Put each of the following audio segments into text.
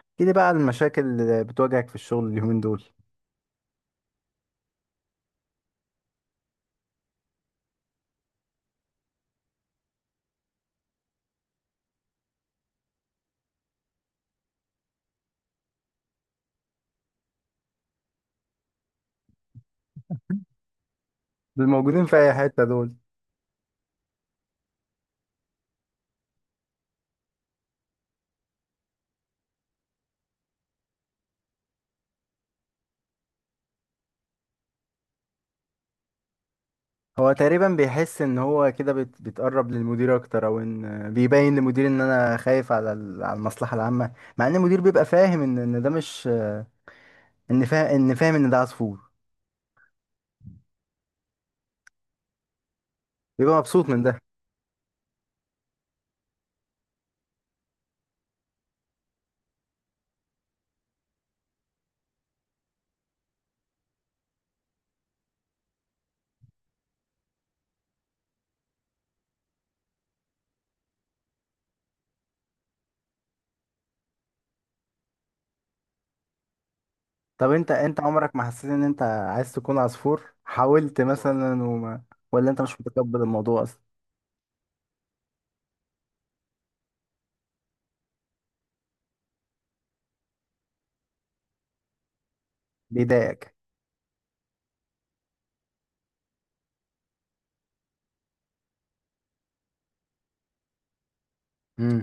احكي لي بقى عن المشاكل اللي بتواجهك في الشغل اليومين دول. دول موجودين في اي حتة دول. هو تقريبا بيحس ان هو كده بيتقرب للمدير اكتر، او ان بيبين للمدير ان انا خايف على المصلحة العامة. مع ان المدير بيبقى فاهم ان ده مش، ان فاهم ان ده عصفور، بيبقى مبسوط من ده. طب انت عمرك ما حسيت ان انت عايز تكون عصفور، حاولت مثلا وما... ولا انت مش متقبل الموضوع اصلا؟ بيضايقك؟ امم.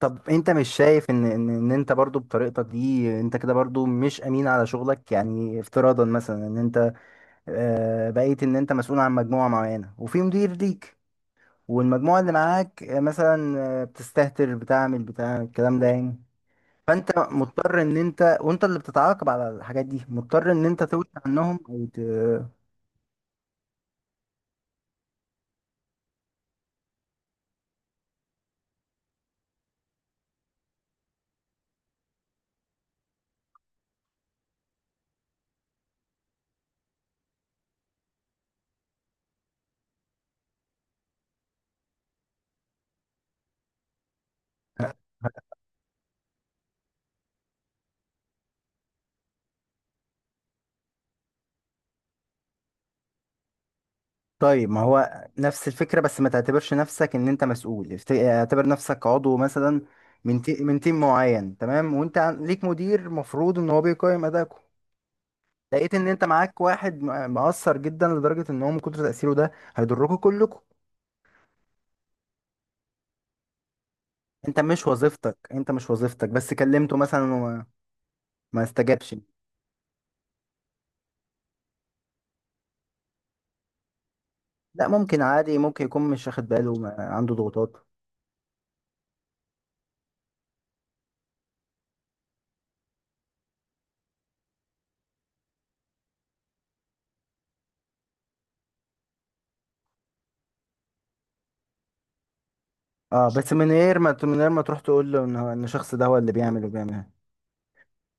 طب انت مش شايف ان انت برضو بطريقتك دي انت كده برضو مش امين على شغلك؟ يعني افتراضا مثلا ان انت آه، بقيت ان انت مسؤول عن مجموعة معينة وفي مدير ليك، والمجموعة اللي معاك مثلا بتستهتر بتعمل بتاع الكلام ده يعني، فانت مضطر ان انت، وانت اللي بتتعاقب على الحاجات دي مضطر ان انت توجه عنهم او... طيب ما هو نفس الفكرة، بس ما تعتبرش نفسك ان انت مسؤول، اعتبر نفسك عضو مثلا من تيم معين، تمام. وانت ليك مدير مفروض ان هو بيقيم ادائكم. لقيت ان انت معاك واحد مقصر جدا لدرجة ان هو من كتر تأثيره ده هيضركم كلكم. انت مش وظيفتك، بس كلمته مثلا وما ما استجابش. لا ممكن عادي، ممكن يكون مش واخد باله، ما... عنده ضغوطات. اه بس من غير ما تروح تقول له ان الشخص ده هو اللي بيعمل وبيعمل.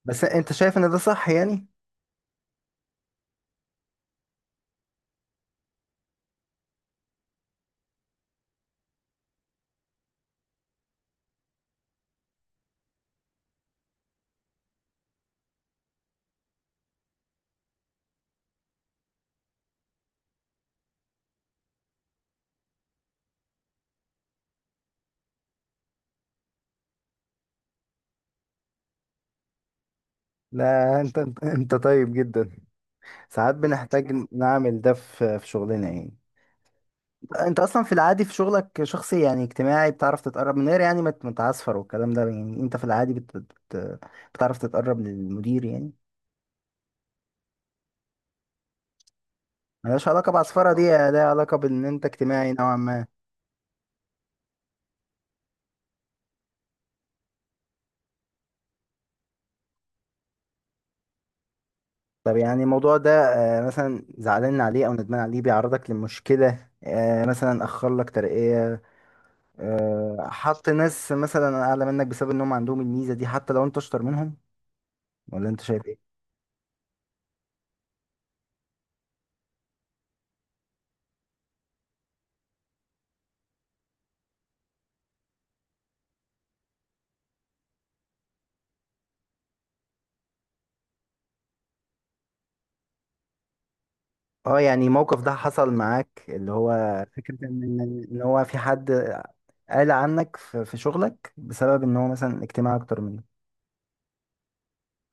بس انت شايف ان ده صح يعني؟ لا، انت طيب جدا. ساعات بنحتاج نعمل ده في شغلنا يعني. انت اصلا في العادي في شغلك شخصي يعني اجتماعي، بتعرف تتقرب من غير يعني ما تعصفر والكلام ده يعني، انت في العادي بتعرف تتقرب للمدير يعني. ملهاش علاقة بعصفرة، دي لها علاقة بان انت اجتماعي نوعا ما. طب يعني الموضوع ده مثلا زعلان عليه او ندمان عليه بيعرضك لمشكلة، مثلا اخر لك ترقية، حط ناس مثلا اعلى منك بسبب انهم عندهم الميزة دي حتى لو انت اشطر منهم، ولا انت شايف ايه؟ اه يعني الموقف ده حصل معاك، اللي هو فكرة ان هو في حد قال عنك في شغلك بسبب ان هو مثلا اجتماعي اكتر منك،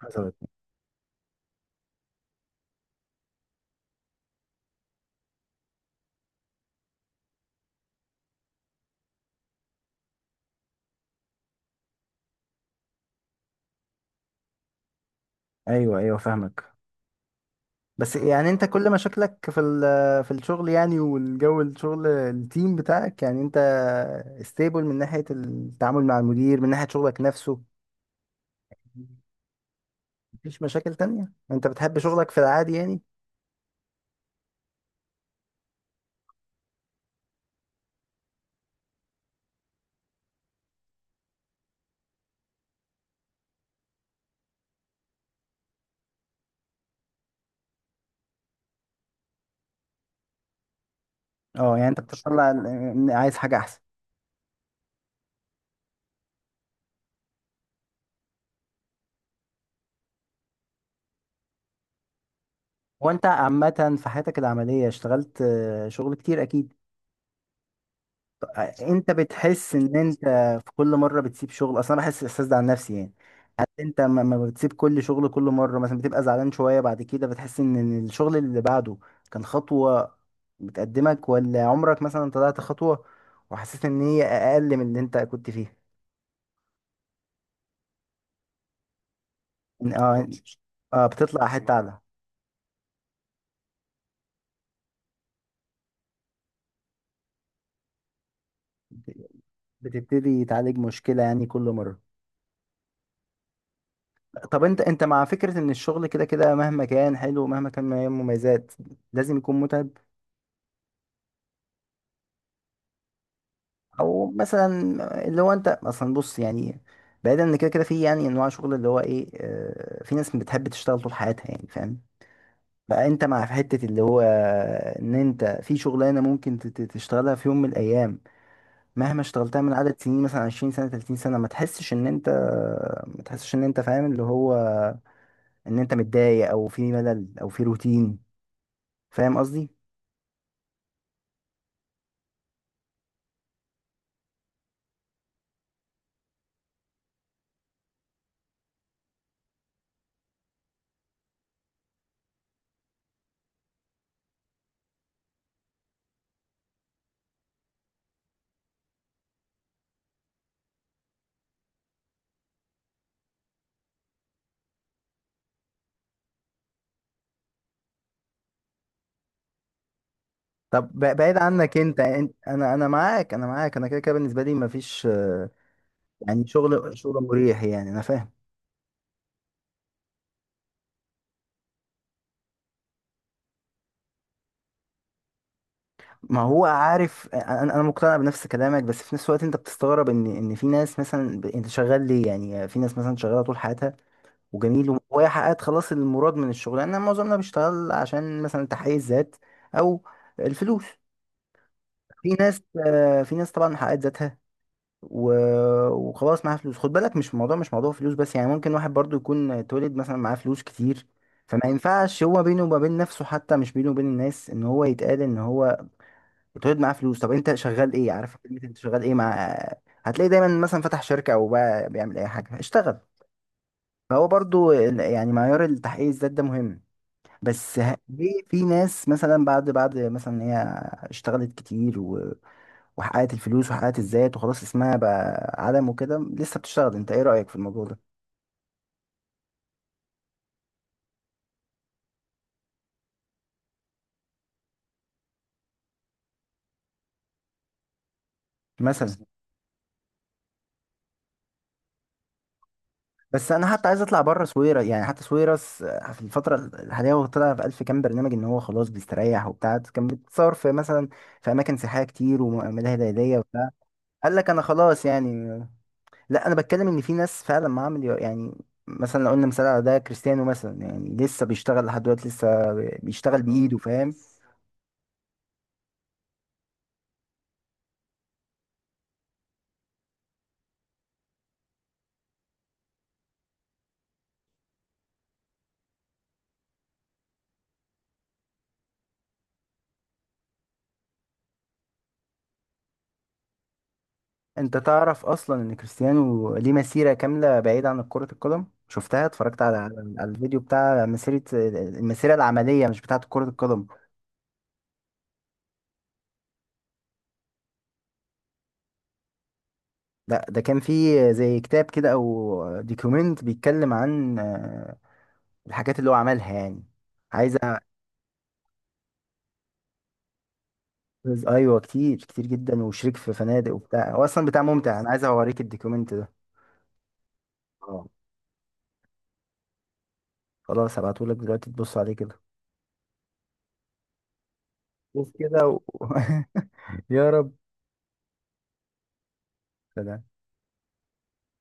حصلت؟ ايوه، ايوه، فاهمك. بس يعني انت كل مشاكلك في الشغل يعني، والجو الشغل التيم بتاعك، يعني انت ستيبل من ناحية التعامل مع المدير، من ناحية شغلك نفسه. مفيش مشاكل تانية، انت بتحب شغلك في العادي يعني؟ اه يعني انت عايز حاجة احسن. وانت عامة في حياتك العملية اشتغلت شغل كتير اكيد. انت بتحس ان انت في كل مرة بتسيب شغل اصلا؟ أنا بحس الاحساس ده عن نفسي يعني. هل انت ما بتسيب كل شغل كل مرة، مثلا بتبقى زعلان شوية بعد كده بتحس ان الشغل اللي بعده كان خطوة بتقدمك، ولا عمرك مثلا طلعت خطوة وحسيت ان هي اقل من اللي انت كنت فيه؟ اه. اه بتطلع حتة اعلى. بتبتدي تعالج مشكلة يعني كل مرة. طب انت مع فكرة ان الشغل كده كده مهما كان حلو ومهما كان من مميزات لازم يكون متعب؟ او مثلا، اللي هو انت اصلا بص يعني، بعيدا ان كده كده في يعني انواع شغل اللي هو ايه، في ناس بتحب تشتغل طول حياتها يعني، فاهم. فانت مع في حتة اللي هو ان انت في شغلانة ممكن تشتغلها في يوم من الايام، مهما اشتغلتها من عدد سنين مثلا 20 سنة، 30 سنة، ما تحسش ان انت فاهم، اللي هو ان انت متضايق او في ملل او في روتين، فاهم قصدي؟ طب بعيد عنك انت انا معاك، انا كده كده بالنسبه لي مفيش، يعني شغل شغل مريح يعني، انا فاهم. ما هو عارف، انا مقتنع بنفس كلامك، بس في نفس الوقت انت بتستغرب ان في ناس مثلا انت شغال ليه، يعني في ناس مثلا شغاله طول حياتها وجميل وهي حققت خلاص المراد من الشغل، انا معظمنا بيشتغل عشان مثلا تحقيق الذات او الفلوس. في ناس في ناس طبعا حققت ذاتها و... وخلاص معاه فلوس، خد بالك مش الموضوع مش موضوع فلوس بس، يعني ممكن واحد برضو يكون اتولد مثلا معاه فلوس كتير. فما ينفعش هو بينه وما بين نفسه، حتى مش بينه وبين الناس، ان هو يتقال ان هو اتولد معاه فلوس. طب انت شغال ايه، عارف كلمة انت شغال ايه مع... هتلاقي دايما مثلا فتح شركة او بقى بيعمل اي حاجة، اشتغل. فهو برضو يعني معيار التحقيق الذات ده مهم. بس ليه في ناس مثلا بعد مثلا إن هي اشتغلت كتير وحققت الفلوس وحققت الذات وخلاص اسمها بقى عالم وكده لسه بتشتغل، انت ايه رأيك في الموضوع ده؟ مثلا. بس انا حتى عايز اطلع بره سويرة، يعني حتى سويرس في الفترة الحالية هو طلع في الف كام برنامج ان هو خلاص بيستريح وبتاع، كان بيتصور في مثلا في اماكن سياحية كتير وملاهي ليلية وبتاع. قال لك انا خلاص يعني. لا انا بتكلم ان في ناس فعلا معامل يعني، مثلا لو قلنا مثال على ده كريستيانو مثلا، يعني لسه بيشتغل لحد دلوقتي لسه بيشتغل اه بايده، فاهم. انت تعرف اصلا ان كريستيانو ليه مسيرة كاملة بعيدة عن كرة القدم؟ شفتها، اتفرجت على الفيديو بتاع المسيرة العملية مش بتاعة كرة القدم. لا ده كان فيه زي كتاب كده او ديكومنت بيتكلم عن الحاجات اللي هو عملها يعني، عايز أ-. ايوه كتير كتير جدا، وشريك في فنادق وبتاع، هو اصلا بتاع ممتع، انا عايز اوريك الديكومنت ده. اه، خلاص هبعتهولك دلوقتي تبص عليه كده. شوف كده يا رب.